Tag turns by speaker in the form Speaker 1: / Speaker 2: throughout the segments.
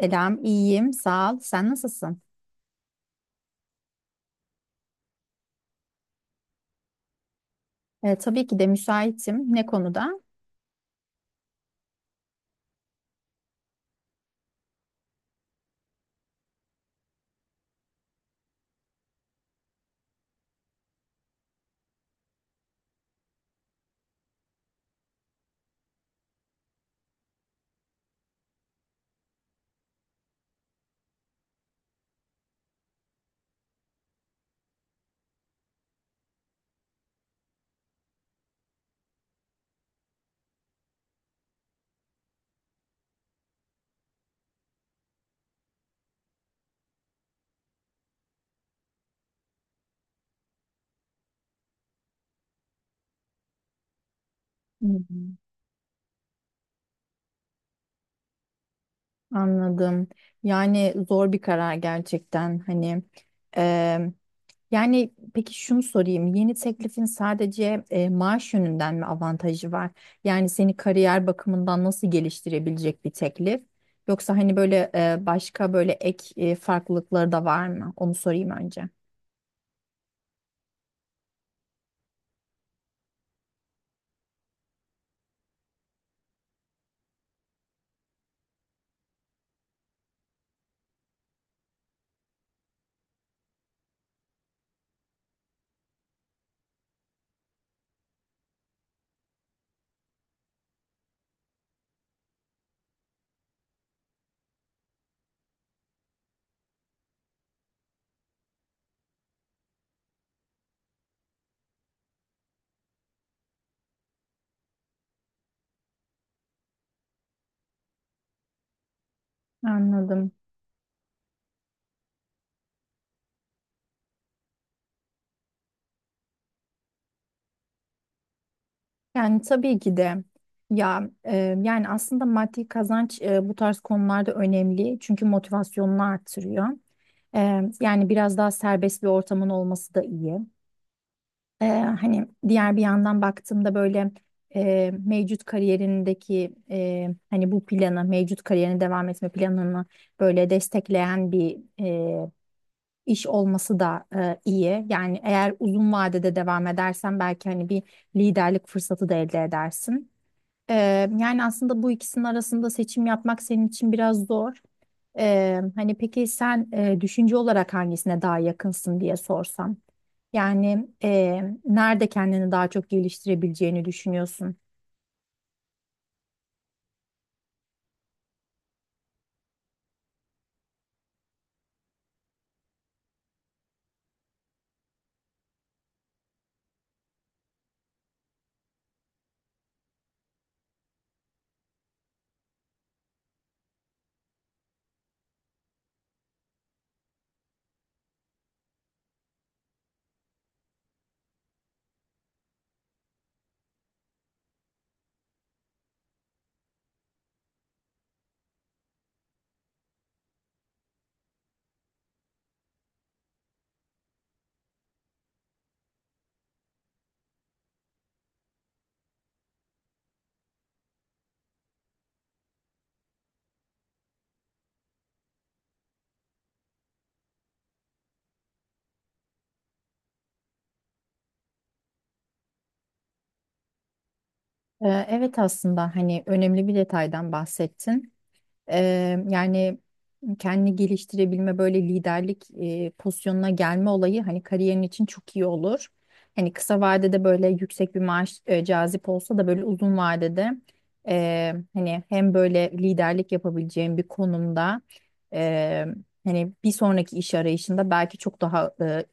Speaker 1: Selam, iyiyim, sağ ol. Sen nasılsın? Tabii ki de müsaitim. Ne konuda? Hmm, anladım. Yani zor bir karar gerçekten. Hani e, yani peki şunu sorayım. Yeni teklifin sadece maaş yönünden mi avantajı var? Yani seni kariyer bakımından nasıl geliştirebilecek bir teklif? Yoksa hani böyle başka böyle ek farklılıkları da var mı? Onu sorayım önce. Anladım. Yani tabii ki de ya yani aslında maddi kazanç bu tarz konularda önemli çünkü motivasyonunu artırıyor. Yani biraz daha serbest bir ortamın olması da iyi. Hani diğer bir yandan baktığımda böyle mevcut kariyerindeki hani bu planı mevcut kariyerine devam etme planını böyle destekleyen bir iş olması da iyi. Yani eğer uzun vadede devam edersen belki hani bir liderlik fırsatı da elde edersin. Ee, yani aslında bu ikisinin arasında seçim yapmak senin için biraz zor. Hani peki sen düşünce olarak hangisine daha yakınsın diye sorsam. Yani nerede kendini daha çok geliştirebileceğini düşünüyorsun? Evet aslında hani önemli bir detaydan bahsettin. Yani kendini geliştirebilme böyle liderlik pozisyonuna gelme olayı hani kariyerin için çok iyi olur. Hani kısa vadede böyle yüksek bir maaş cazip olsa da böyle uzun vadede hani hem böyle liderlik yapabileceğin bir konumda eee, hani bir sonraki iş arayışında belki çok daha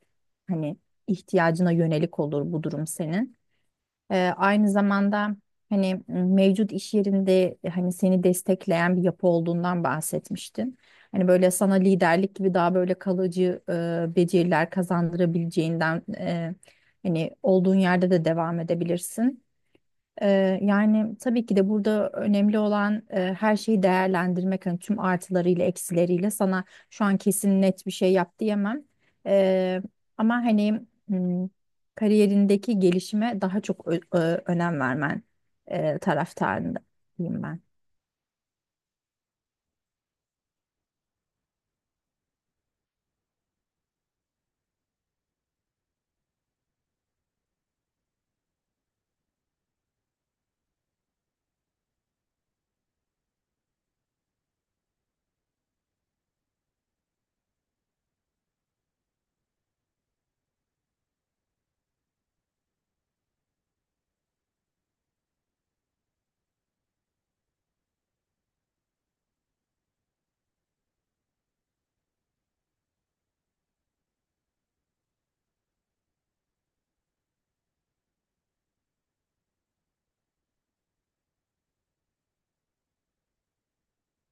Speaker 1: hani ihtiyacına yönelik olur bu durum senin. Aynı zamanda hani mevcut iş yerinde hani seni destekleyen bir yapı olduğundan bahsetmiştin. Hani böyle sana liderlik gibi daha böyle kalıcı beceriler kazandırabileceğinden hani olduğun yerde de devam edebilirsin. Yani tabii ki de burada önemli olan her şeyi değerlendirmek. Hani tüm artılarıyla eksileriyle sana şu an kesin net bir şey yap diyemem. Ee, ama hani kariyerindeki gelişime daha çok önem vermen taraftarındayım ben.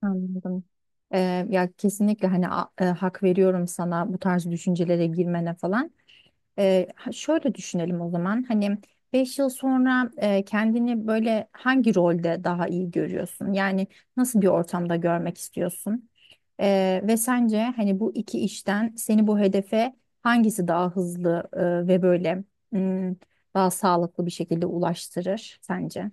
Speaker 1: Anladım. Ya kesinlikle hani hak veriyorum sana bu tarz düşüncelere girmene falan. Şöyle düşünelim o zaman. Hani 5 yıl sonra kendini böyle hangi rolde daha iyi görüyorsun? Yani nasıl bir ortamda görmek istiyorsun? Ve sence hani bu iki işten seni bu hedefe hangisi daha hızlı ve böyle mm, daha sağlıklı bir şekilde ulaştırır sence?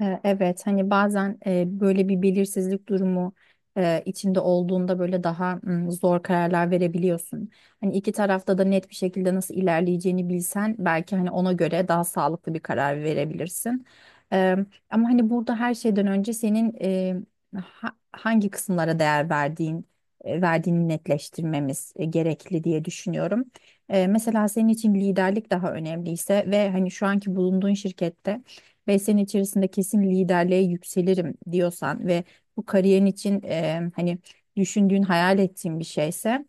Speaker 1: Evet hani bazen böyle bir belirsizlik durumu içinde olduğunda böyle daha zor kararlar verebiliyorsun. Hani iki tarafta da net bir şekilde nasıl ilerleyeceğini bilsen belki hani ona göre daha sağlıklı bir karar verebilirsin. E, Ama hani burada her şeyden önce senin hangi kısımlara değer verdiğini netleştirmemiz gerekli diye düşünüyorum. Mesela senin için liderlik daha önemliyse ve hani şu anki bulunduğun şirkette 5 sene içerisinde kesin liderliğe yükselirim diyorsan ve bu kariyerin için hani düşündüğün, hayal ettiğin bir şeyse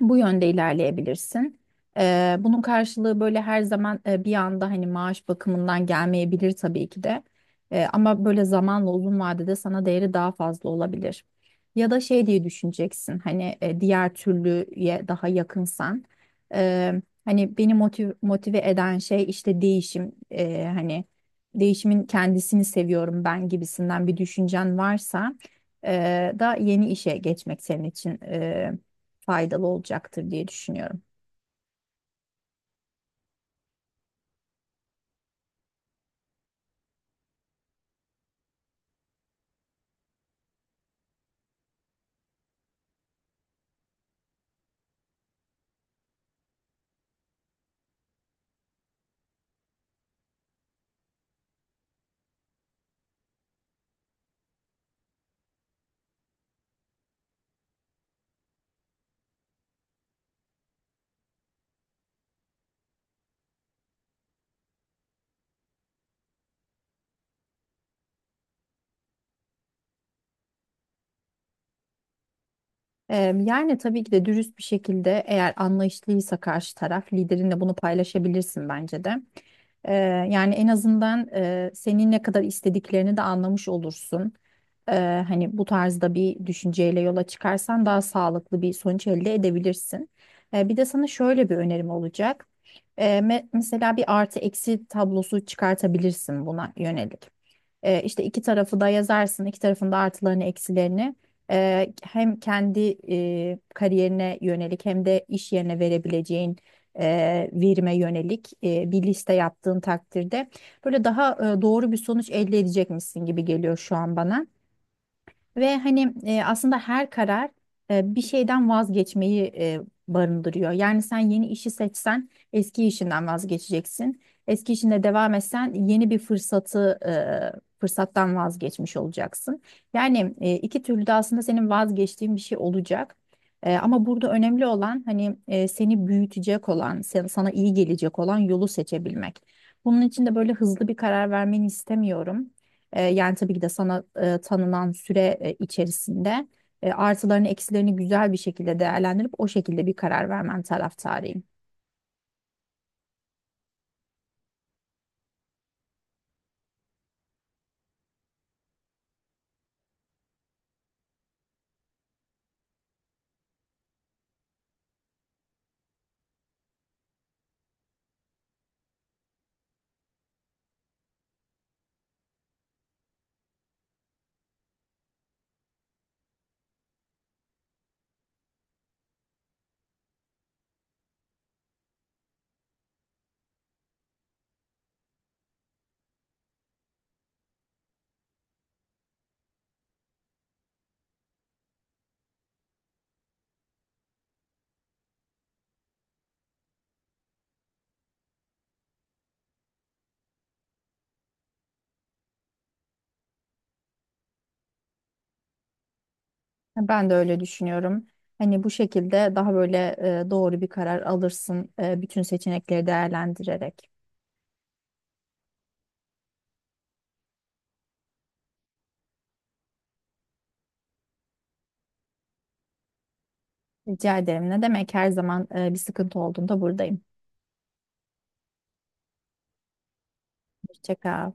Speaker 1: bu yönde ilerleyebilirsin. Bunun karşılığı böyle her zaman bir anda hani maaş bakımından gelmeyebilir tabii ki de. Ama böyle zamanla uzun vadede sana değeri daha fazla olabilir. Ya da şey diye düşüneceksin hani diğer türlüye daha yakınsan. e, hani beni motive eden şey işte değişim. Hani değişimin kendisini seviyorum ben gibisinden bir düşüncen varsa da yeni işe geçmek senin için faydalı olacaktır diye düşünüyorum. Yani tabii ki de dürüst bir şekilde eğer anlayışlıysa karşı taraf liderinle bunu paylaşabilirsin bence de. Eee, yani en azından senin ne kadar istediklerini de anlamış olursun. Hani bu tarzda bir düşünceyle yola çıkarsan daha sağlıklı bir sonuç elde edebilirsin. Bir de sana şöyle bir önerim olacak. Mesela bir artı eksi tablosu çıkartabilirsin buna yönelik. E, işte iki tarafı da yazarsın. İki tarafın da artılarını, eksilerini. Hem kendi kariyerine yönelik hem de iş yerine verebileceğin verime yönelik bir liste yaptığın takdirde böyle daha doğru bir sonuç elde edecekmişsin gibi geliyor şu an bana. Ve hani aslında her karar bir şeyden vazgeçmeyi barındırıyor. Yani sen yeni işi seçsen eski işinden vazgeçeceksin. Eski işinde devam etsen yeni bir fırsattan vazgeçmiş olacaksın. Yani iki türlü de aslında senin vazgeçtiğin bir şey olacak. Ama burada önemli olan hani seni büyütecek olan, sana iyi gelecek olan yolu seçebilmek. Bunun için de böyle hızlı bir karar vermeni istemiyorum. Yani tabii ki de sana tanınan süre içerisinde artılarını eksilerini güzel bir şekilde değerlendirip o şekilde bir karar vermen taraftarıyım. Ben de öyle düşünüyorum. Hani bu şekilde daha böyle doğru bir karar alırsın bütün seçenekleri değerlendirerek. Rica ederim. Ne demek her zaman bir sıkıntı olduğunda buradayım. Hoşça kal.